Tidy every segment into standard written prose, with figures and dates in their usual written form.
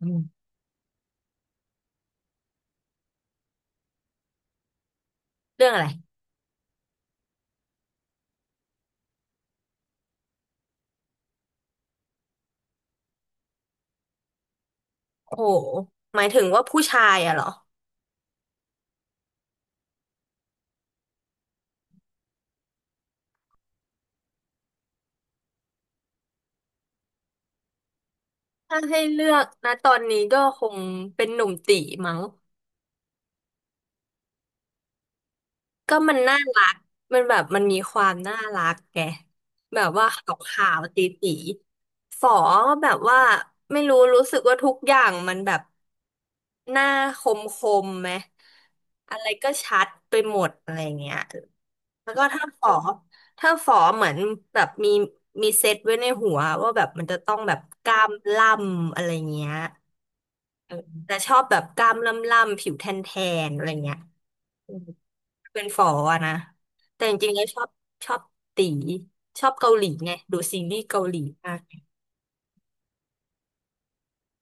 อืมเรื่องอะไรโอ้โห หมายถึงว่าผู้ชายอะเหรอ ถ้าให้เลือกนะตอนนี้ก็คงเป็นหนุ่มตีมั้ง ก็มันน่ารักมันแบบมันมีความน่ารักไงแบบว่าขาวขาวตีตีฝอแบบว่าไม่รู้รู้สึกว่าทุกอย่างมันแบบหน้าคมคมไหม อะไรก็ชัดไปหมดอะไรเงี้ยแล้วก็ถ้าฝอเหมือนแบบมีเซตไว้ในหัวว่าแบบมันจะต้องแบบกล้ามล่ำอะไรเงี้ยเออแต่ชอบแบบกล้ามล่ำล่ำผิวแทนแทนอะไรเงี้ย เป็นฝออะนะแต่จริงๆแล้วชอบตีชอบเกาหลีไงดูซีรีส์เกาหลีมาก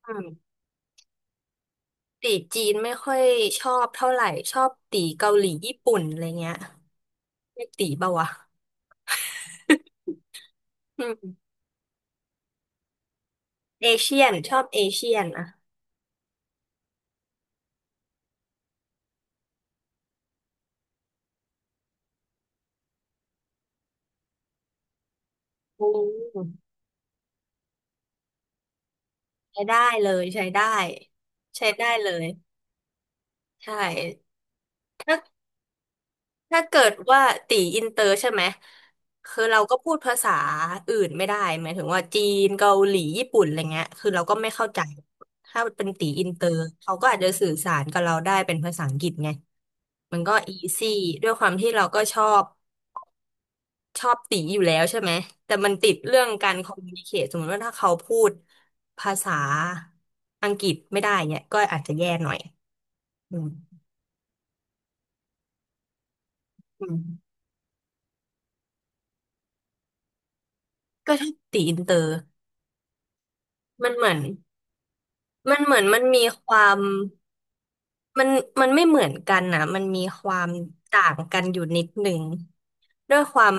อืมตีจีนไม่ค่อยชอบเท่าไหร่ชอบตีเกาหลีญี่ปุ่นอะไรเงี้ยไม่ตีเปล่าวะอืมเอเชียนชอบเอเชียนอะอืมใช้ได้เลยใช้ได้ใช้ได้เลยใช่ถ้า ถ้าเกิดว่าตีอินเตอร์ใช่ไหมคือเราก็พูดภาษาอื่นไม่ได้หมายถึงว่าจีนเกาหลีญี่ปุ่นอะไรเงี้ยคือเราก็ไม่เข้าใจถ้าเป็นตีอินเตอร์เขาก็อาจจะสื่อสารกับเราได้เป็นภาษาอังกฤษไงมันก็อีซี่ด้วยความที่เราก็ชอบตีอยู่แล้วใช่ไหมแต่มันติดเรื่องการคอมมูนิเคชสมมติว่าถ้าเขาพูดภาษาอังกฤษไม่ได้เนี่ยก็อาจจะแย่หน่อยอืมอืมก็ถ้าตีอินเตอร์มันเหมือน มันเหมือนมันมีความมันมันไม่เหมือนกันนะมันมีความต่างกันอยู่นิดหนึ่งด้วยความ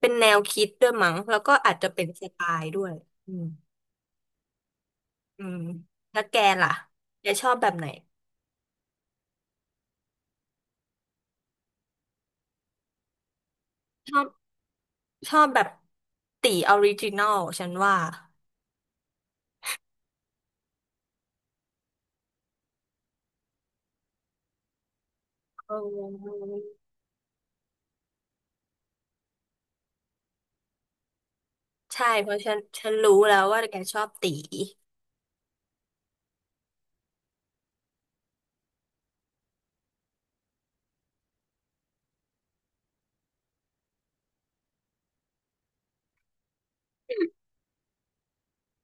เป็นแนวคิดด้วยมั้งแล้วก็อาจจะเป็นสไตล์ด้วยอืมอืมแล้วแกล่ะแกชอบแบบไหนชอบชอบแบบตีออริจินอลฉันว่าเออใช่เพราะฉันรู้แล้วว่าแกชอบตี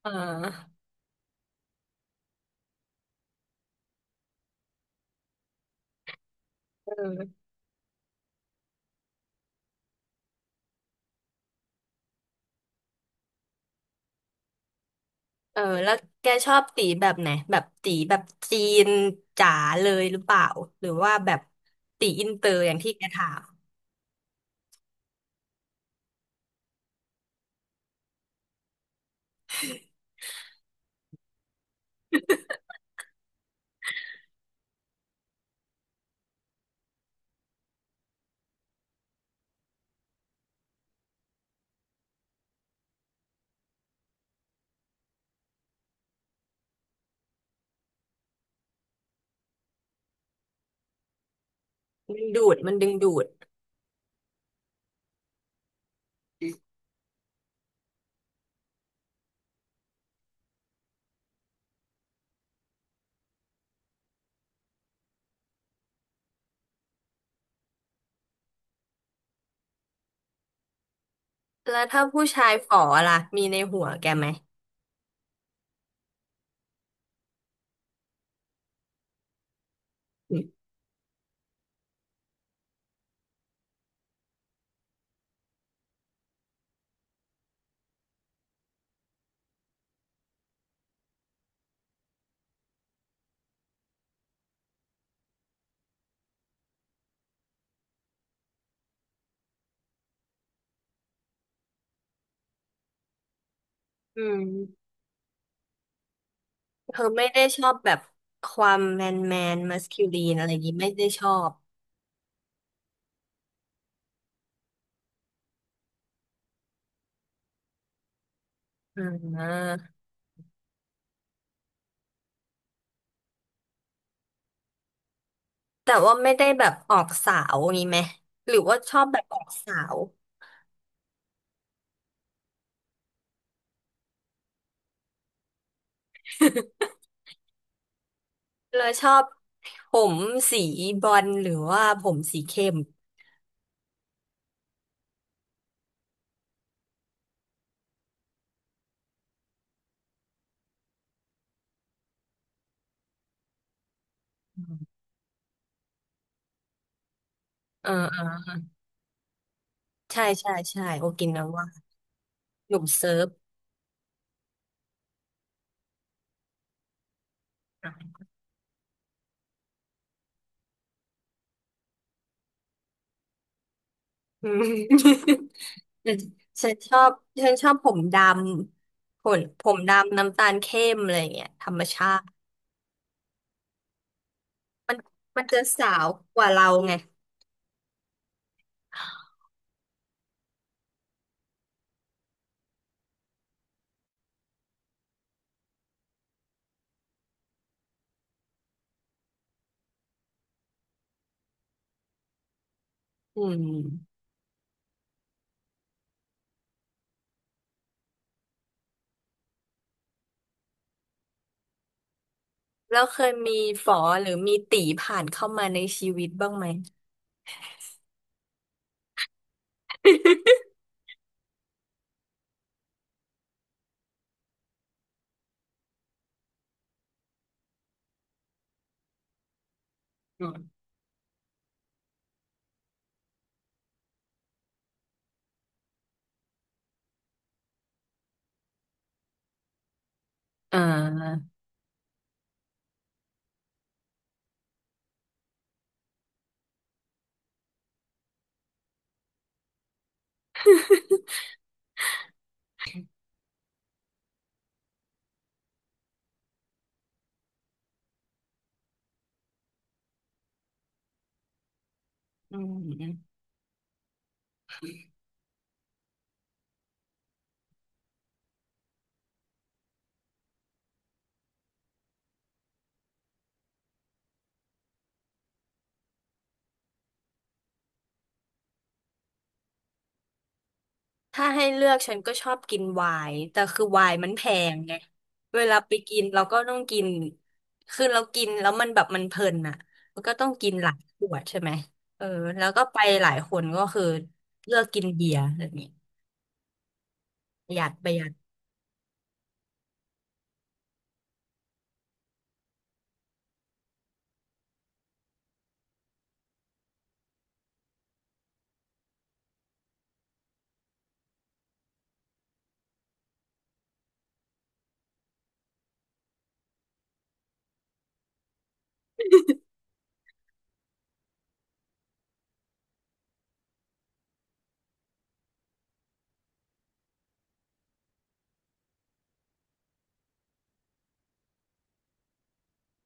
อ่าเออ เออแล้วแกชอบตีแบบไหนแบบตีแบบจีนจ๋าเลยหรือเปล่าหรือว่าแบบตีอินเตอร์อย่างที่แกถามมันดูดมันดึงดูดแล้วถ้าผู้ชายฝอล่ะมีในหัวแกไหมอืมอืมเธอไม่ได้ชอบแบบความแมนแมนมัสคิลีนอะไรอย่างนี้ไม่ได้ชอบอ่าแต่ว่าไม่ได้แบบออกสาวงี้ไหมหรือว่าชอบแบบออกสาวแล้วชอบผมสีบรอลหรือว่าผมสีเข้มเออ ใช่ใช่ใช่โอกินาว่าหนุ่มเซิร์ฟอ่ืม ฉันชอบฉันชอบผมดำน้ำตาลเข้มอะไรอย่างเงี้ยธรรมชาติมันมันจะสาวกว่าเราไงอืมแล้วเคยมีฝอหรือมีตีผ่านเข้ามาในชีวิตบ้างไหม อืม อ่า อืม ถ้าให้เลือกฉันก็ชอบกินไวน์แต่คือไวน์มันแพงไงเวลาไปกินเราก็ต้องกินคือเรากินแล้วมันแบบมันเพลินอ่ะมันก็ต้องกินหลายขวดใช่ไหมเออแล้วก็ไปหลายคนก็คือเลือกกินเบียร์แบบนี้ประหยัดประหยัด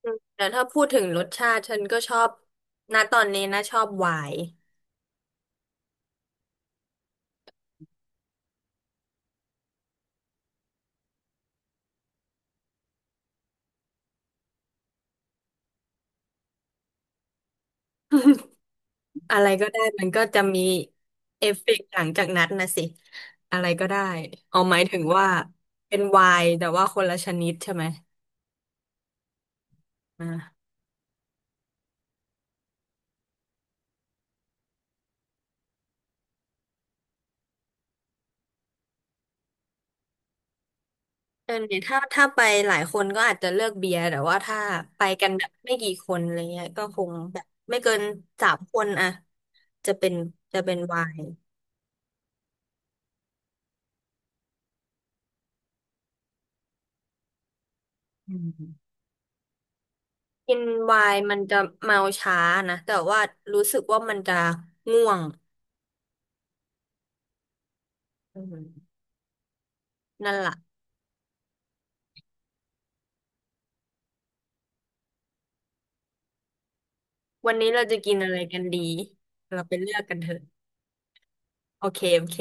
อืมแต่ถ้าพูดถึงรสชาติฉันก็ชอบณตอนนี้นะชอบไวน์อะไรก็ได้มันก็จะมีเอฟเฟกต์หลังจากนั้นนะสิอะไรก็ได้เอาหมายถึงว่าเป็นไวน์แต่ว่าคนละชนิดใช่ไหมอ่า เออเนี่ยถ้าไปหลายคนก็อาจจะเลือกเบียร์แต่ว่าถ้าไปกันแบบไม่กี่คนอะไรเงี้ยก็คงแบบไม่เกินสามคนอะจะเป็นจะเป็นไวน์อืมกินไวน์มันจะเมาช้านะแต่ว่ารู้สึกว่ามันจะง่วงอืมนั่นล่ะวันนี้เราจะกินอะไรกันดีเราไปเลือกกันเถอะโอเคโอเค